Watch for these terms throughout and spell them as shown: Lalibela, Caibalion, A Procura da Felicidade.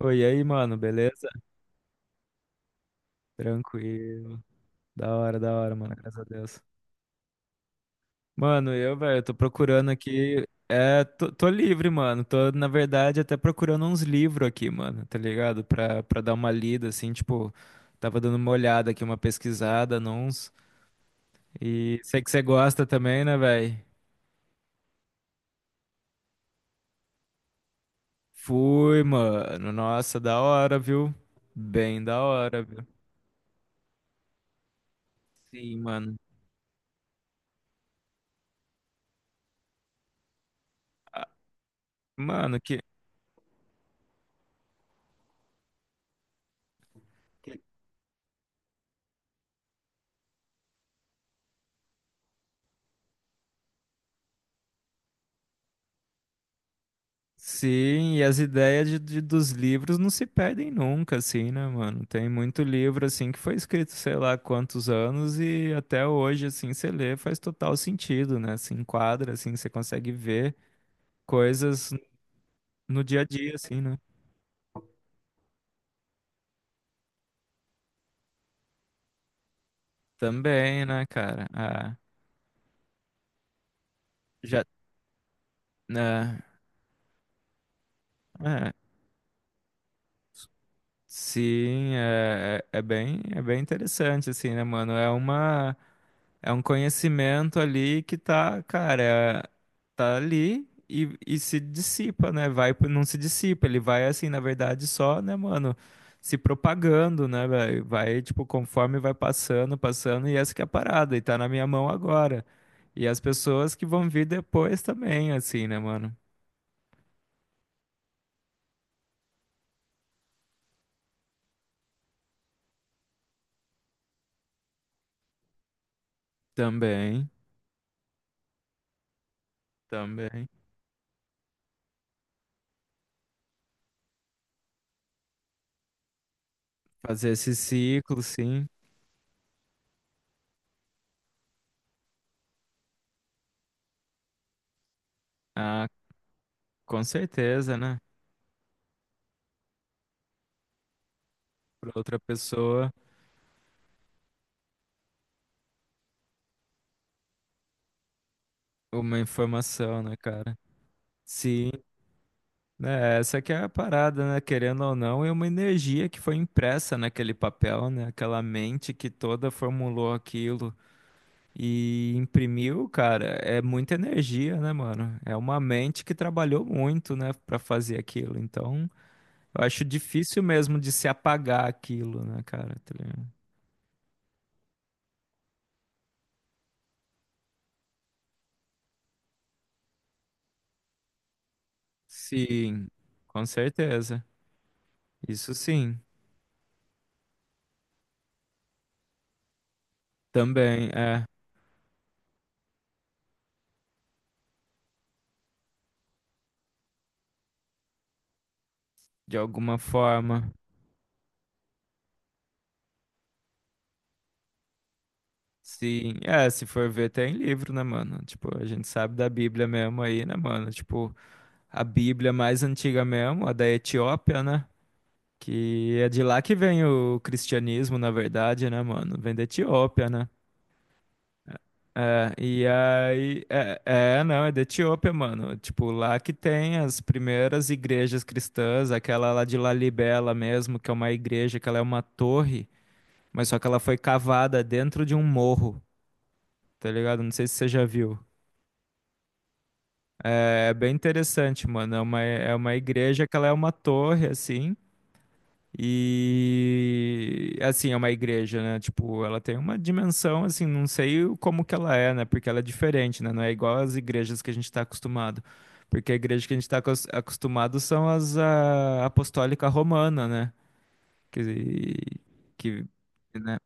Oi, e aí, mano, beleza? Tranquilo. Da hora, mano, graças a Deus. Mano, eu, velho, tô procurando aqui. É, tô livre, mano. Tô, na verdade, até procurando uns livros aqui, mano, tá ligado? Pra dar uma lida, assim, tipo, tava dando uma olhada aqui, uma pesquisada, uns. E sei que você gosta também, né, velho? Fui, mano. Nossa, da hora, viu? Bem da hora, viu? Sim, mano. Ah, mano, que. Sim, e as ideias dos livros não se perdem nunca, assim, né, mano? Tem muito livro, assim, que foi escrito, sei lá, quantos anos e até hoje, assim, você lê, faz total sentido, né? Se enquadra, assim, você consegue ver coisas no dia a dia, assim, né? Também, né, cara? Ah, já, né? É, sim, é, é bem, é bem interessante, assim, né, mano? É uma, é um conhecimento ali que tá, cara, tá ali e se dissipa, né? Vai, não se dissipa, ele vai assim, na verdade, só, né, mano, se propagando, né, velho? Vai, tipo, conforme vai passando, passando, e essa que é a parada, e tá na minha mão agora. E as pessoas que vão vir depois também, assim, né, mano? Também, também. Fazer esse ciclo, sim. Ah, com certeza, né? Pra outra pessoa, uma informação, né, cara? Sim, né, essa que é a parada, né? Querendo ou não, é uma energia que foi impressa naquele papel, né? Aquela mente que toda formulou aquilo e imprimiu, cara, é muita energia, né, mano? É uma mente que trabalhou muito, né, pra fazer aquilo. Então, eu acho difícil mesmo de se apagar aquilo, né, cara? Tá ligado? Sim, com certeza. Isso sim, também é, de alguma forma. Sim, é, se for ver, tem livro, né, mano? Tipo, a gente sabe da Bíblia mesmo aí, né, mano? Tipo, a Bíblia mais antiga mesmo, a da Etiópia, né? Que é de lá que vem o cristianismo, na verdade, né, mano? Vem da Etiópia, né? É, e aí, é, é, não, é da Etiópia, mano. Tipo, lá que tem as primeiras igrejas cristãs, aquela lá de Lalibela mesmo, que é uma igreja, que ela é uma torre, mas só que ela foi cavada dentro de um morro, tá ligado? Não sei se você já viu. É bem interessante, mano. É uma igreja que ela é uma torre, assim. E assim, é uma igreja, né? Tipo, ela tem uma dimensão, assim, não sei como que ela é, né? Porque ela é diferente, né? Não é igual às igrejas que a gente está acostumado. Porque a igreja que a gente está acostumado são as a, apostólica romana, né? Que, que, né?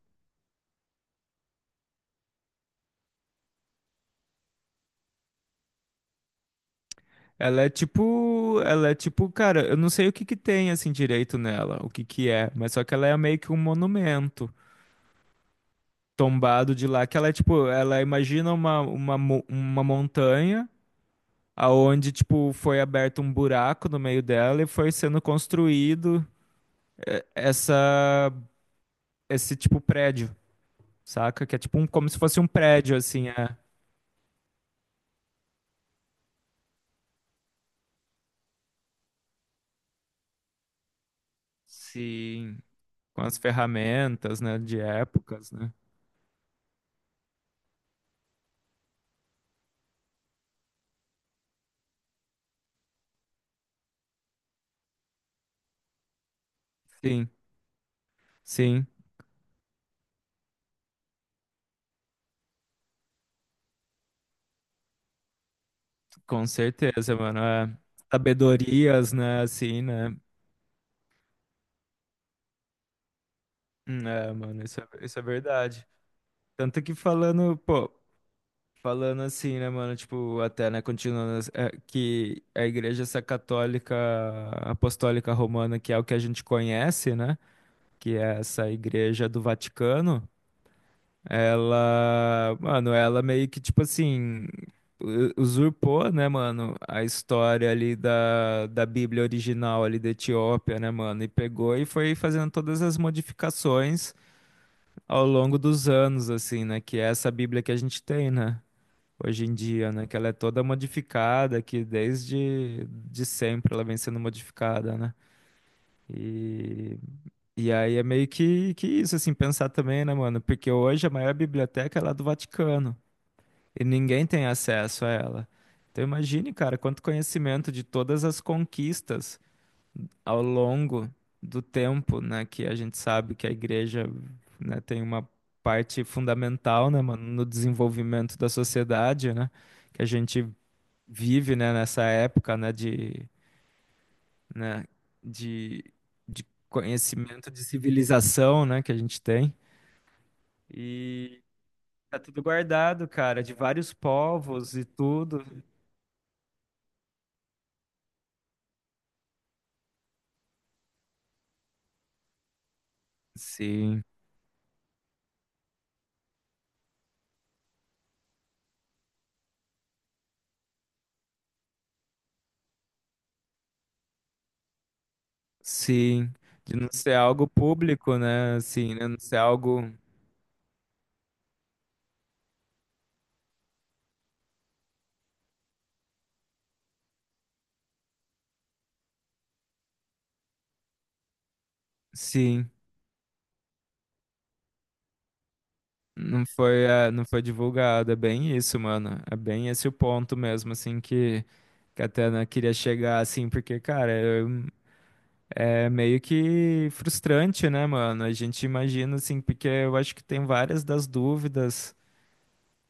Ela é tipo, cara, eu não sei o que que tem assim direito nela, o que que é, mas só que ela é meio que um monumento tombado de lá, que ela é tipo, ela imagina uma montanha aonde tipo foi aberto um buraco no meio dela e foi sendo construído essa esse tipo prédio, saca? Que é tipo um, como se fosse um prédio assim, é. Sim, com as ferramentas, né, de épocas, né? Sim, sim, com certeza, mano, é. Sabedorias, né, assim, né? É, mano, isso é verdade. Tanto que falando, pô, falando assim, né, mano? Tipo, até, né, continuando, assim, é, que a igreja, essa católica apostólica romana, que é o que a gente conhece, né? Que é essa igreja do Vaticano, ela, mano, ela meio que, tipo assim, usurpou, né, mano, a história ali da Bíblia original ali da Etiópia, né, mano? E pegou e foi fazendo todas as modificações ao longo dos anos, assim, né? Que é essa Bíblia que a gente tem, né? Hoje em dia, né? Que ela é toda modificada, que desde de sempre ela vem sendo modificada, né? E, e aí é meio que isso, assim, pensar também, né, mano? Porque hoje a maior biblioteca é lá do Vaticano e ninguém tem acesso a ela. Então imagine, cara, quanto conhecimento de todas as conquistas ao longo do tempo, né? Que a gente sabe que a igreja, né, tem uma parte fundamental, né, mano, no desenvolvimento da sociedade, né? Que a gente vive, né, nessa época, né, de, né, de, de conhecimento, de civilização, né, que a gente tem. E tá tudo guardado, cara, de vários povos e tudo. Sim, sim, de não ser algo público, né, assim, né, não ser algo, sim, não foi, eh, não foi divulgado, é bem isso, mano, é bem esse o ponto mesmo, assim, que até, né, queria chegar, assim, porque, cara, eu é meio que frustrante, né, mano? A gente imagina, assim, porque eu acho que tem várias das dúvidas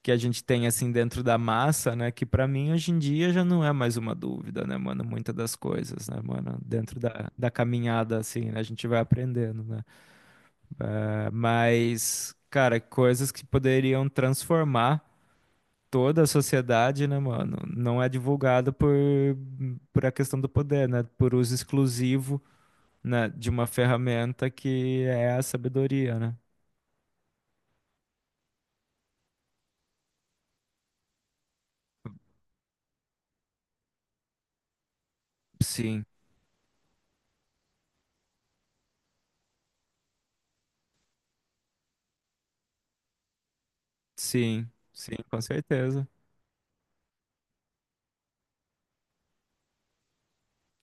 que a gente tem, assim, dentro da massa, né? Que pra mim, hoje em dia, já não é mais uma dúvida, né, mano? Muitas das coisas, né, mano? Dentro da caminhada, assim, né? A gente vai aprendendo, né? Mas, cara, coisas que poderiam transformar toda a sociedade, né, mano? Não é divulgado por a questão do poder, né? Por uso exclusivo, né, de uma ferramenta que é a sabedoria, né? Sim, sim, sim, com certeza.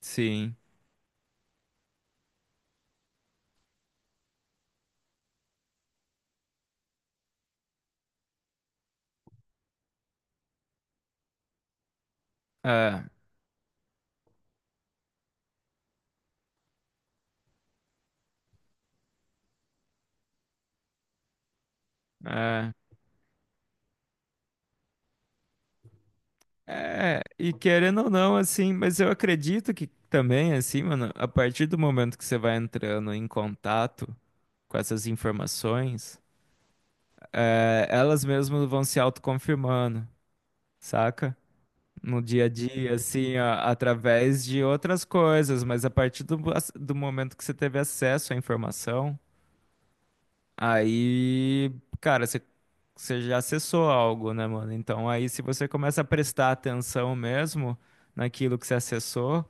Sim. É, é. É, e querendo ou não, assim, mas eu acredito que também, assim, mano, a partir do momento que você vai entrando em contato com essas informações, é, elas mesmas vão se autoconfirmando, saca? No dia a dia, assim, através de outras coisas, mas a partir do, do momento que você teve acesso à informação. Aí, cara, você já acessou algo, né, mano? Então, aí, se você começa a prestar atenção mesmo naquilo que você acessou,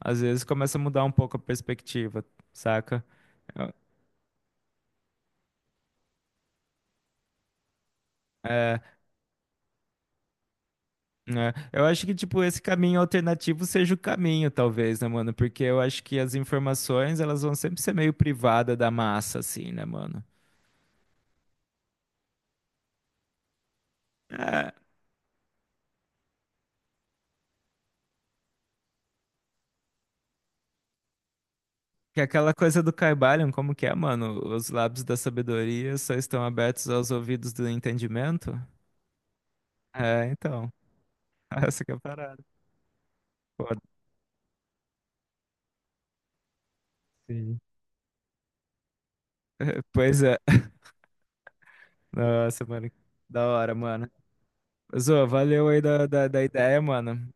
às vezes começa a mudar um pouco a perspectiva, saca? Eu- É, né? Eu acho que, tipo, esse caminho alternativo seja o caminho, talvez, né, mano? Porque eu acho que as informações, elas vão sempre ser meio privada da massa, assim, né, mano? Que é aquela coisa do Caibalion, como que é, mano? Os lábios da sabedoria só estão abertos aos ouvidos do entendimento? É, então. Essa que é a parada. Pô, sim. Pois é. Nossa, mano. Da hora, mano. Zô, valeu aí da ideia, mano.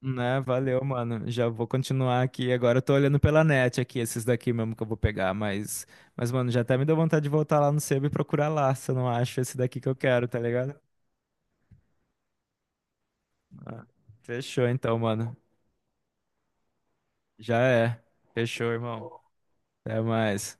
Né? Valeu, mano. Já vou continuar aqui. Agora eu tô olhando pela net aqui, esses daqui mesmo que eu vou pegar. Mas mano, já até me deu vontade de voltar lá no sebo e procurar lá, se eu não acho esse daqui que eu quero, tá ligado? Ah, fechou então, mano. Já é. Fechou, irmão. Até mais.